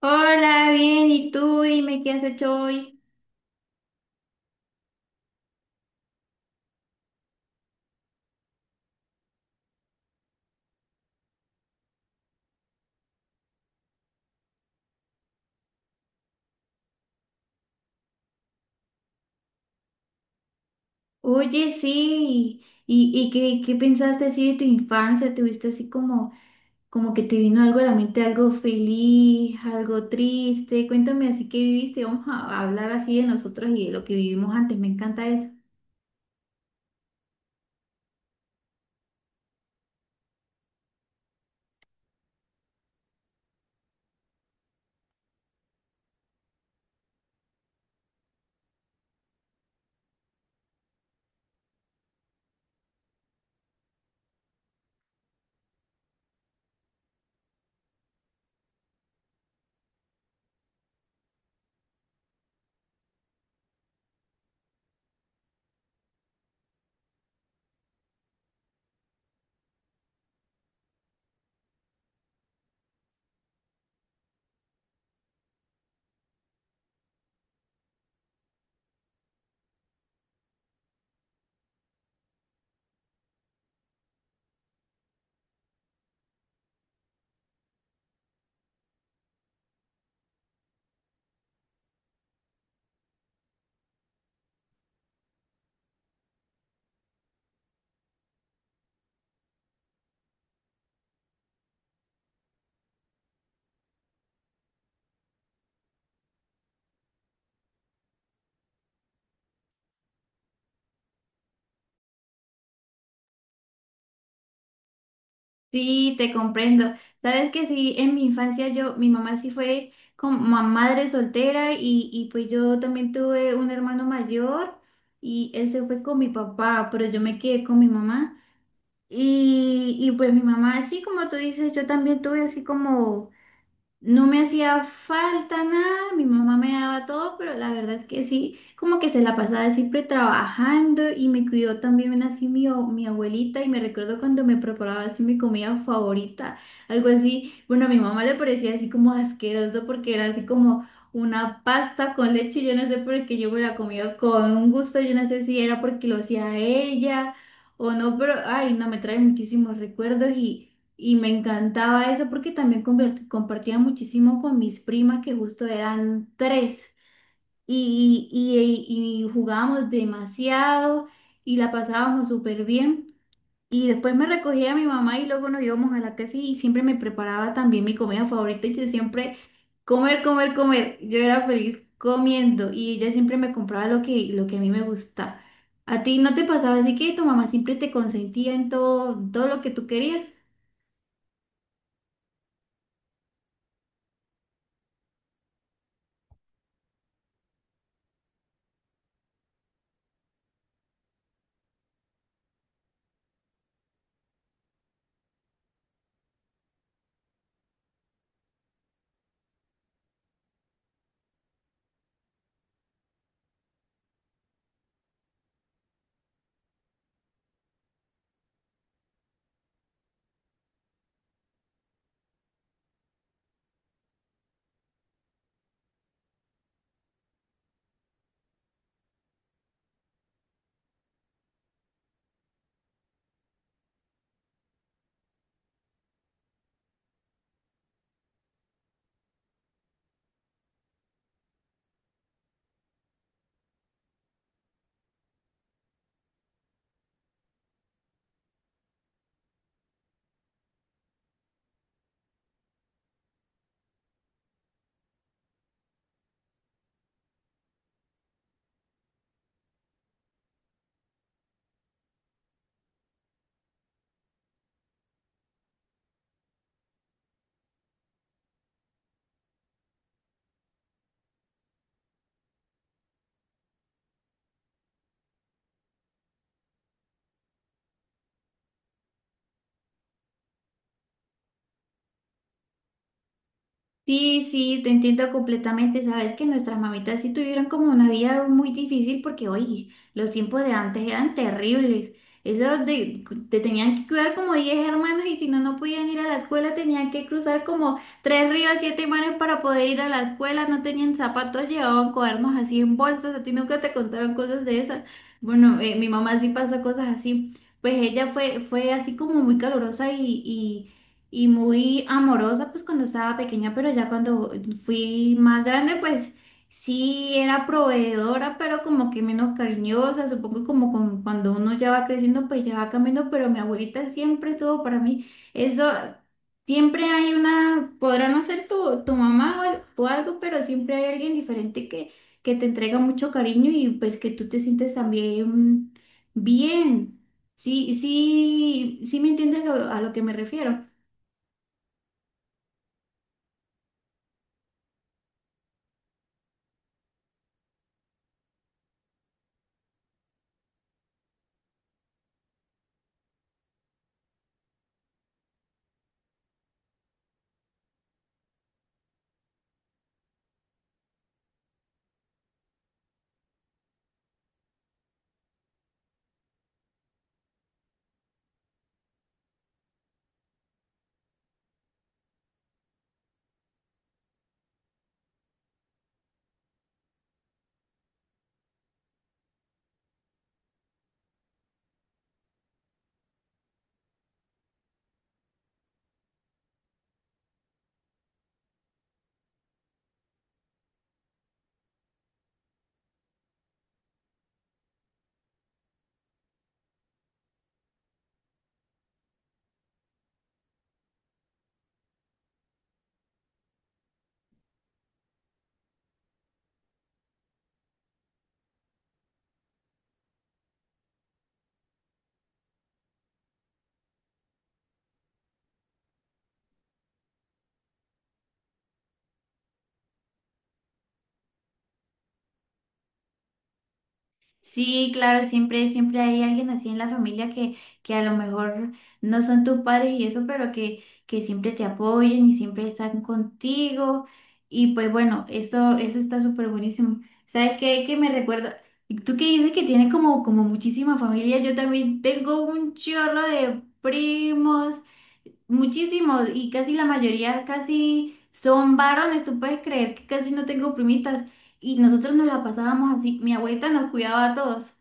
Hola, bien, ¿y tú? Dime qué has hecho hoy. Oye, sí, ¿y qué pensaste así de tu infancia? ¿Tuviste así como, como que te vino algo a la mente, algo feliz, algo triste? Cuéntame así que viviste, vamos a hablar así de nosotros y de lo que vivimos antes, me encanta eso. Sí, te comprendo. Sabes que sí, en mi infancia yo, mi mamá sí fue como madre soltera y pues yo también tuve un hermano mayor y él se fue con mi papá, pero yo me quedé con mi mamá. Y pues mi mamá, así como tú dices, yo también tuve así como... No me hacía falta nada, mi mamá me daba todo, pero la verdad es que sí, como que se la pasaba siempre trabajando y me cuidó también así mi, mi abuelita y me recuerdo cuando me preparaba así mi comida favorita, algo así, bueno, a mi mamá le parecía así como asqueroso porque era así como una pasta con leche, yo no sé por qué yo me la comía con un gusto, yo no sé si era porque lo hacía ella o no, pero ay, no, me trae muchísimos recuerdos y... Y me encantaba eso porque también compartía muchísimo con mis primas que justo eran tres y jugábamos demasiado y la pasábamos súper bien. Y después me recogía mi mamá y luego nos íbamos a la casa y siempre me preparaba también mi comida favorita y yo siempre comer, comer, comer. Yo era feliz comiendo y ella siempre me compraba lo que a mí me gusta. ¿A ti no te pasaba así que tu mamá siempre te consentía en todo, todo lo que tú querías? Sí, sí, te entiendo completamente. Sabes que nuestras mamitas sí tuvieron como una vida muy difícil porque, oye, los tiempos de antes eran terribles. Eso de, te tenían que cuidar como 10 hermanos y si no, no podían ir a la escuela, tenían que cruzar como tres ríos, siete mares para poder ir a la escuela. No tenían zapatos, llevaban cuadernos así en bolsas. A ti nunca te contaron cosas de esas. Bueno, mi mamá sí pasó cosas así. Pues ella fue así como muy calurosa y muy amorosa pues cuando estaba pequeña, pero ya cuando fui más grande pues sí era proveedora, pero como que menos cariñosa, supongo como cuando uno ya va creciendo pues ya va cambiando, pero mi abuelita siempre estuvo para mí, eso siempre hay una, podrá no ser tu mamá o, o algo, pero siempre hay alguien diferente que te entrega mucho cariño y pues que tú te sientes también bien. Sí, sí, sí me entiendes a lo que me refiero. Sí, claro, siempre, siempre hay alguien así en la familia que a lo mejor no son tus padres y eso, pero que siempre te apoyan y siempre están contigo. Y pues bueno, eso está súper buenísimo. ¿Sabes qué? Que me recuerda, tú que dices que tienes como, como muchísima familia, yo también tengo un chorro de primos. Muchísimos, y casi la mayoría casi son varones, tú puedes creer que casi no tengo primitas y nosotros nos la pasábamos así, mi abuelita nos cuidaba a todos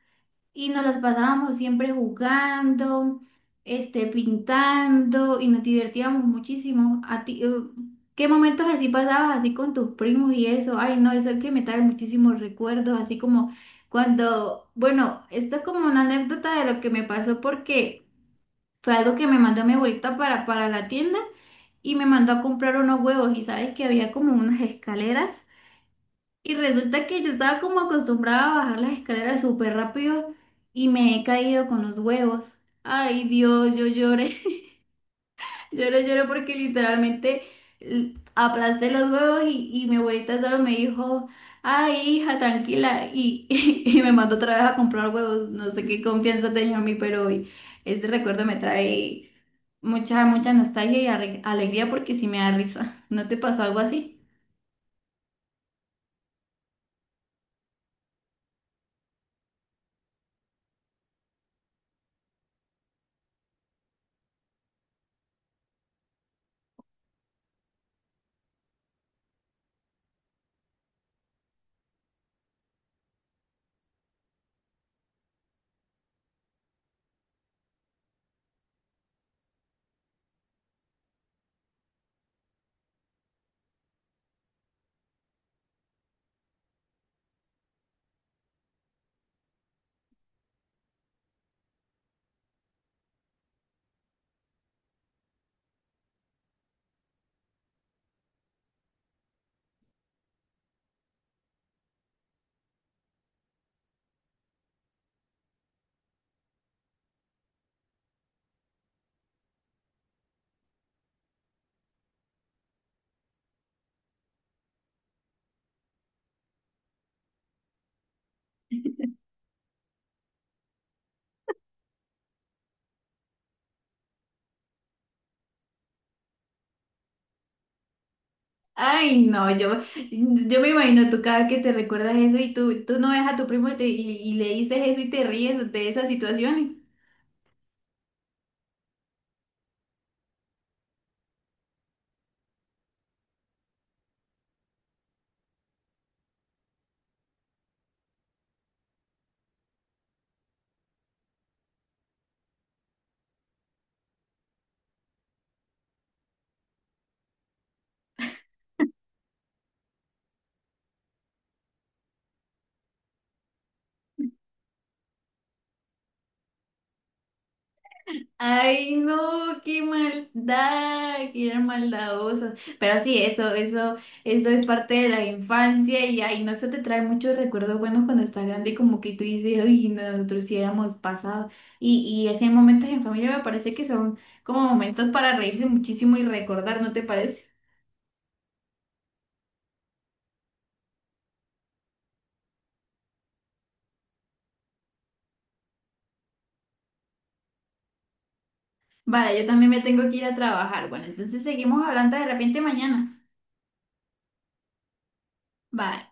y nos las pasábamos siempre jugando, este, pintando y nos divertíamos muchísimo. A ti, ¿qué momentos así pasabas así con tus primos y eso? Ay, no, eso es que me trae muchísimos recuerdos, así como cuando, bueno, esto es como una anécdota de lo que me pasó porque... Fue algo que me mandó mi abuelita para la tienda y me mandó a comprar unos huevos y sabes que había como unas escaleras y resulta que yo estaba como acostumbrada a bajar las escaleras súper rápido y me he caído con los huevos. Ay Dios, yo lloré, lloré, lloré porque literalmente aplasté los huevos y mi abuelita solo me dijo, ay hija, tranquila y, y, me mandó otra vez a comprar huevos. No sé qué confianza tenía en mí, pero hoy ese recuerdo me trae... Mucha, mucha nostalgia y alegría porque sí me da risa. ¿No te pasó algo así? Ay, no, yo me imagino tú cada vez que te recuerdas eso y tú no ves a tu primo y, y le dices eso y te ríes de esas situaciones. Ay, no, qué maldad, que eran maldadosos. Pero sí, eso es parte de la infancia y ay, no, eso te trae muchos recuerdos buenos cuando estás grande y como que tú dices, ay, nosotros sí éramos pasados. Y así hay momentos en familia me parece que son como momentos para reírse muchísimo y recordar, ¿no te parece? Vale, yo también me tengo que ir a trabajar. Bueno, entonces seguimos hablando de repente mañana. Bye.